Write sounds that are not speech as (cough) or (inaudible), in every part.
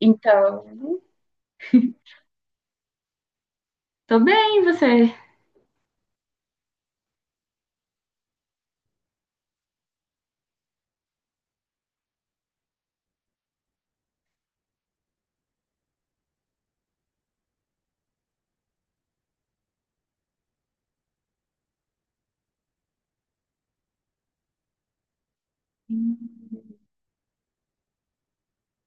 Então, tô bem, e você?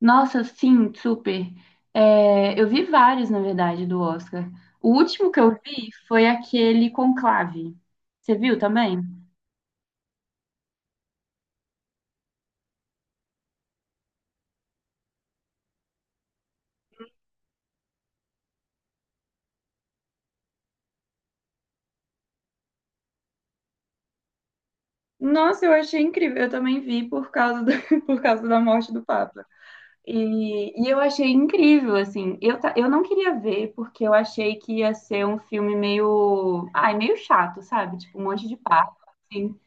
Nossa, sim, super. É, eu vi vários, na verdade, do Oscar. O último que eu vi foi aquele Conclave. Você viu também? Nossa, eu achei incrível. Eu também vi por causa do- (laughs) por causa da morte do Papa. E eu achei incrível, assim. Eu não queria ver porque eu achei que ia ser um filme meio. Ai, meio chato, sabe? Tipo, um monte de papo. Assim.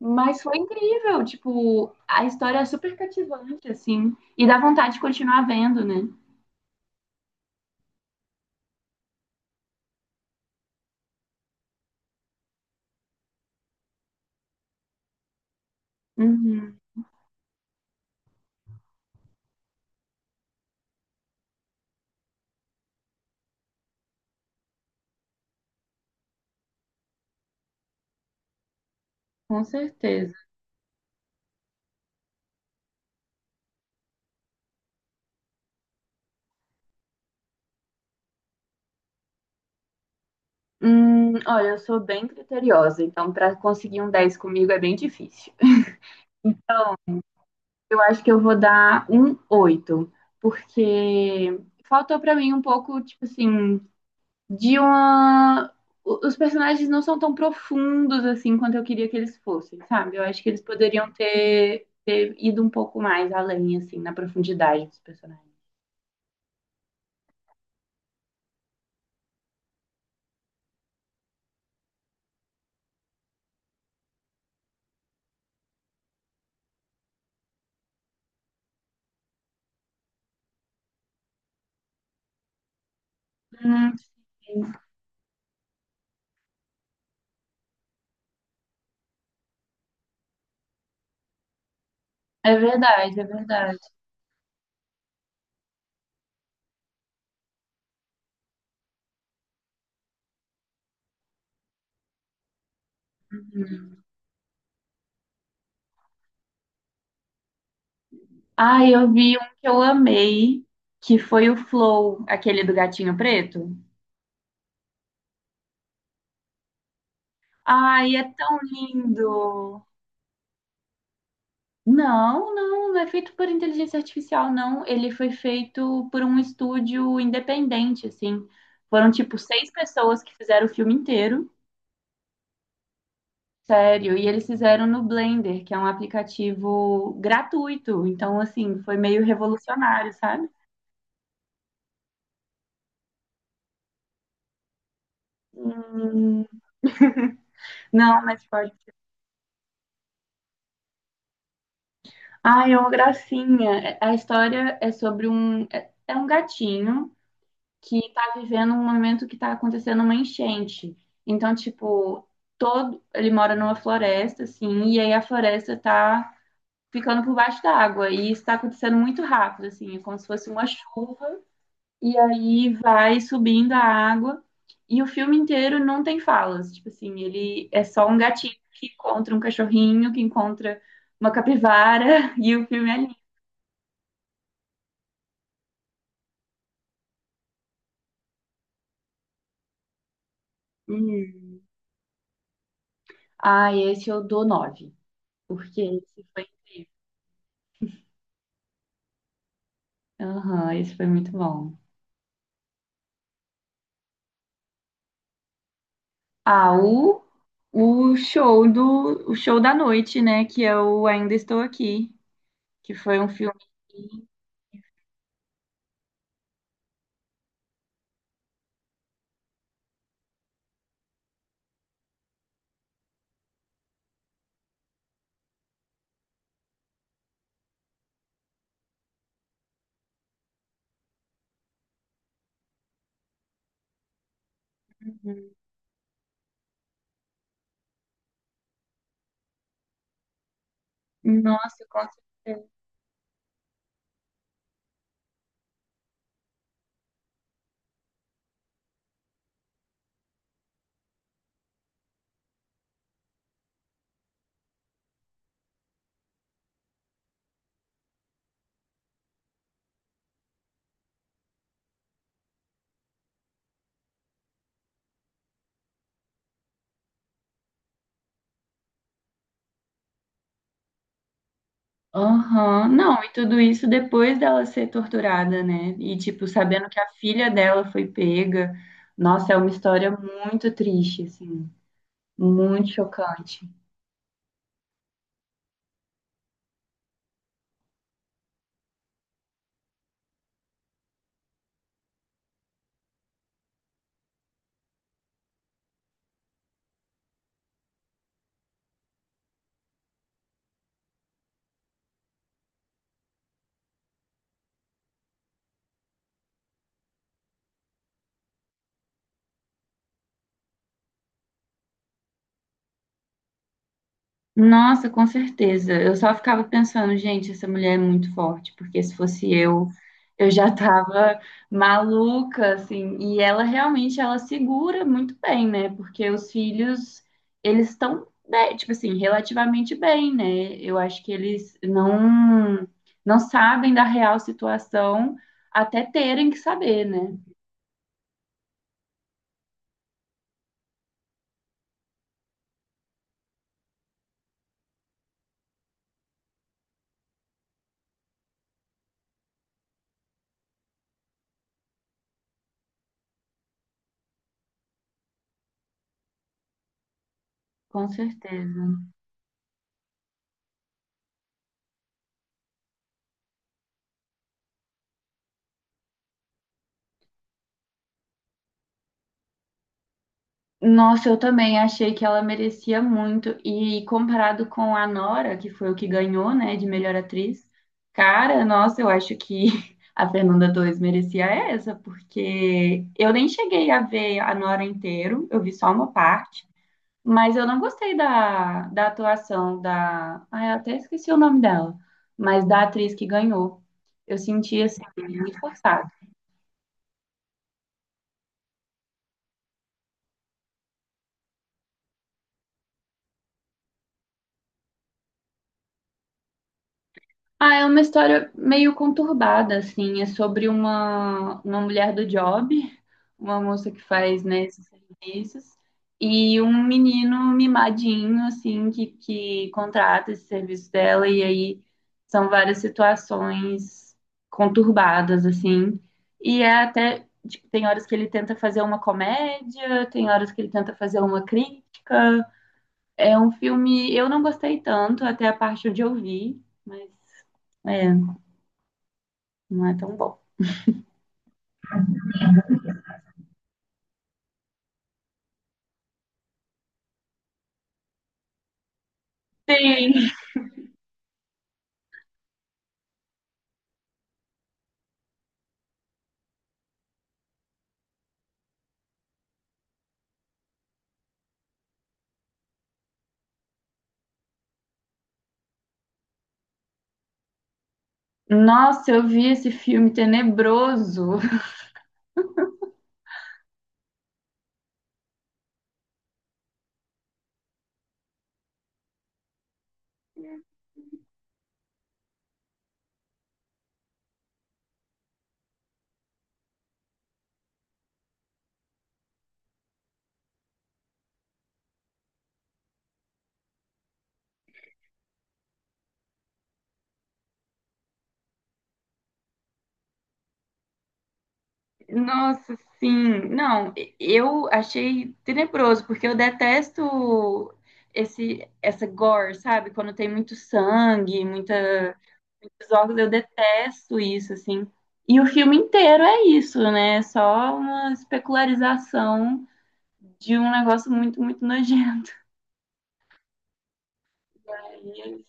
Mas foi incrível, tipo, a história é super cativante, assim, e dá vontade de continuar vendo, né? Uhum, com certeza. Olha, eu sou bem criteriosa, então para conseguir um 10 comigo é bem difícil. (laughs) Eu acho que eu vou dar um 8 porque faltou para mim um pouco, tipo assim, de uma. Os personagens não são tão profundos assim quanto eu queria que eles fossem, sabe? Eu acho que eles poderiam ter ido um pouco mais além, assim, na profundidade dos personagens. Hum, é verdade, é verdade. Ah, eu vi um que eu amei, que foi o Flow, aquele do gatinho preto. Ai, é tão lindo! Não, não, não é feito por inteligência artificial, não. Ele foi feito por um estúdio independente, assim. Foram, tipo, seis pessoas que fizeram o filme inteiro, sério. E eles fizeram no Blender, que é um aplicativo gratuito. Então, assim, foi meio revolucionário, sabe? Hum, não, mas pode. Ai, é uma gracinha. A história é sobre um. É um gatinho. Que está vivendo um momento que está acontecendo uma enchente. Então, tipo, todo ele mora numa floresta, assim, e aí a floresta está ficando por baixo da água e está acontecendo muito rápido, assim, é como se fosse uma chuva e aí vai subindo a água e o filme inteiro não tem falas, tipo assim, ele é só um gatinho que encontra um cachorrinho, que encontra uma capivara (laughs) e o filme é lindo. Hum. Ah, esse eu dou nove, porque esse foi. Aham, isso foi muito bom. Ah, o show do, o show da noite, né? Que é o Ainda Estou Aqui, que foi um filme. Nossa, com certeza. Aham. Não, e tudo isso depois dela ser torturada, né? E, tipo, sabendo que a filha dela foi pega. Nossa, é uma história muito triste, assim, muito chocante. Nossa, com certeza. Eu só ficava pensando, gente, essa mulher é muito forte, porque se fosse eu já tava maluca, assim. E ela realmente, ela segura muito bem, né? Porque os filhos, eles estão, né, tipo assim, relativamente bem, né? Eu acho que eles não sabem da real situação até terem que saber, né? Com certeza. Nossa, eu também achei que ela merecia muito. E comparado com a Nora, que foi o que ganhou, né, de melhor atriz, cara, nossa, eu acho que (laughs) a Fernanda 2 merecia essa, porque eu nem cheguei a ver a Nora inteiro, eu vi só uma parte, mas eu não gostei da atuação da. Ah, eu até esqueci o nome dela, mas da atriz que ganhou. Eu senti assim, muito forçada. Ah, é uma história meio conturbada, assim. É sobre uma mulher do job, uma moça que faz, né, esses serviços, e um menino mimadinho, assim, que contrata esse serviço dela, e aí são várias situações conturbadas, assim. E é até, tipo, tem horas que ele tenta fazer uma comédia, tem horas que ele tenta fazer uma crítica. É um filme, eu não gostei tanto até a parte onde eu vi, mas. É. Não é tão bom. Sim. Nossa, eu vi esse filme tenebroso. Nossa, sim. Não, eu achei tenebroso, porque eu detesto essa gore, sabe? Quando tem muito sangue, muita, muitos órgãos, eu detesto isso, assim. E o filme inteiro é isso, né? É só uma especularização de um negócio muito, muito nojento. Aí, eles.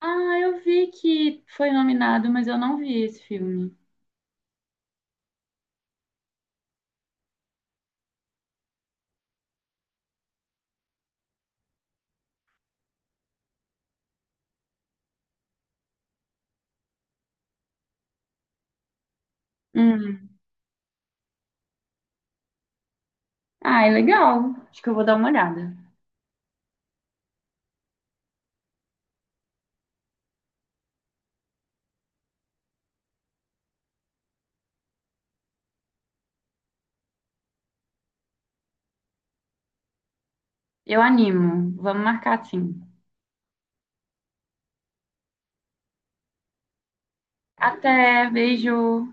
Ah, eu vi que foi nominado, mas eu não vi esse filme. Hum. Ah, é legal. Acho que eu vou dar uma olhada. Eu animo. Vamos marcar sim. Até, beijo.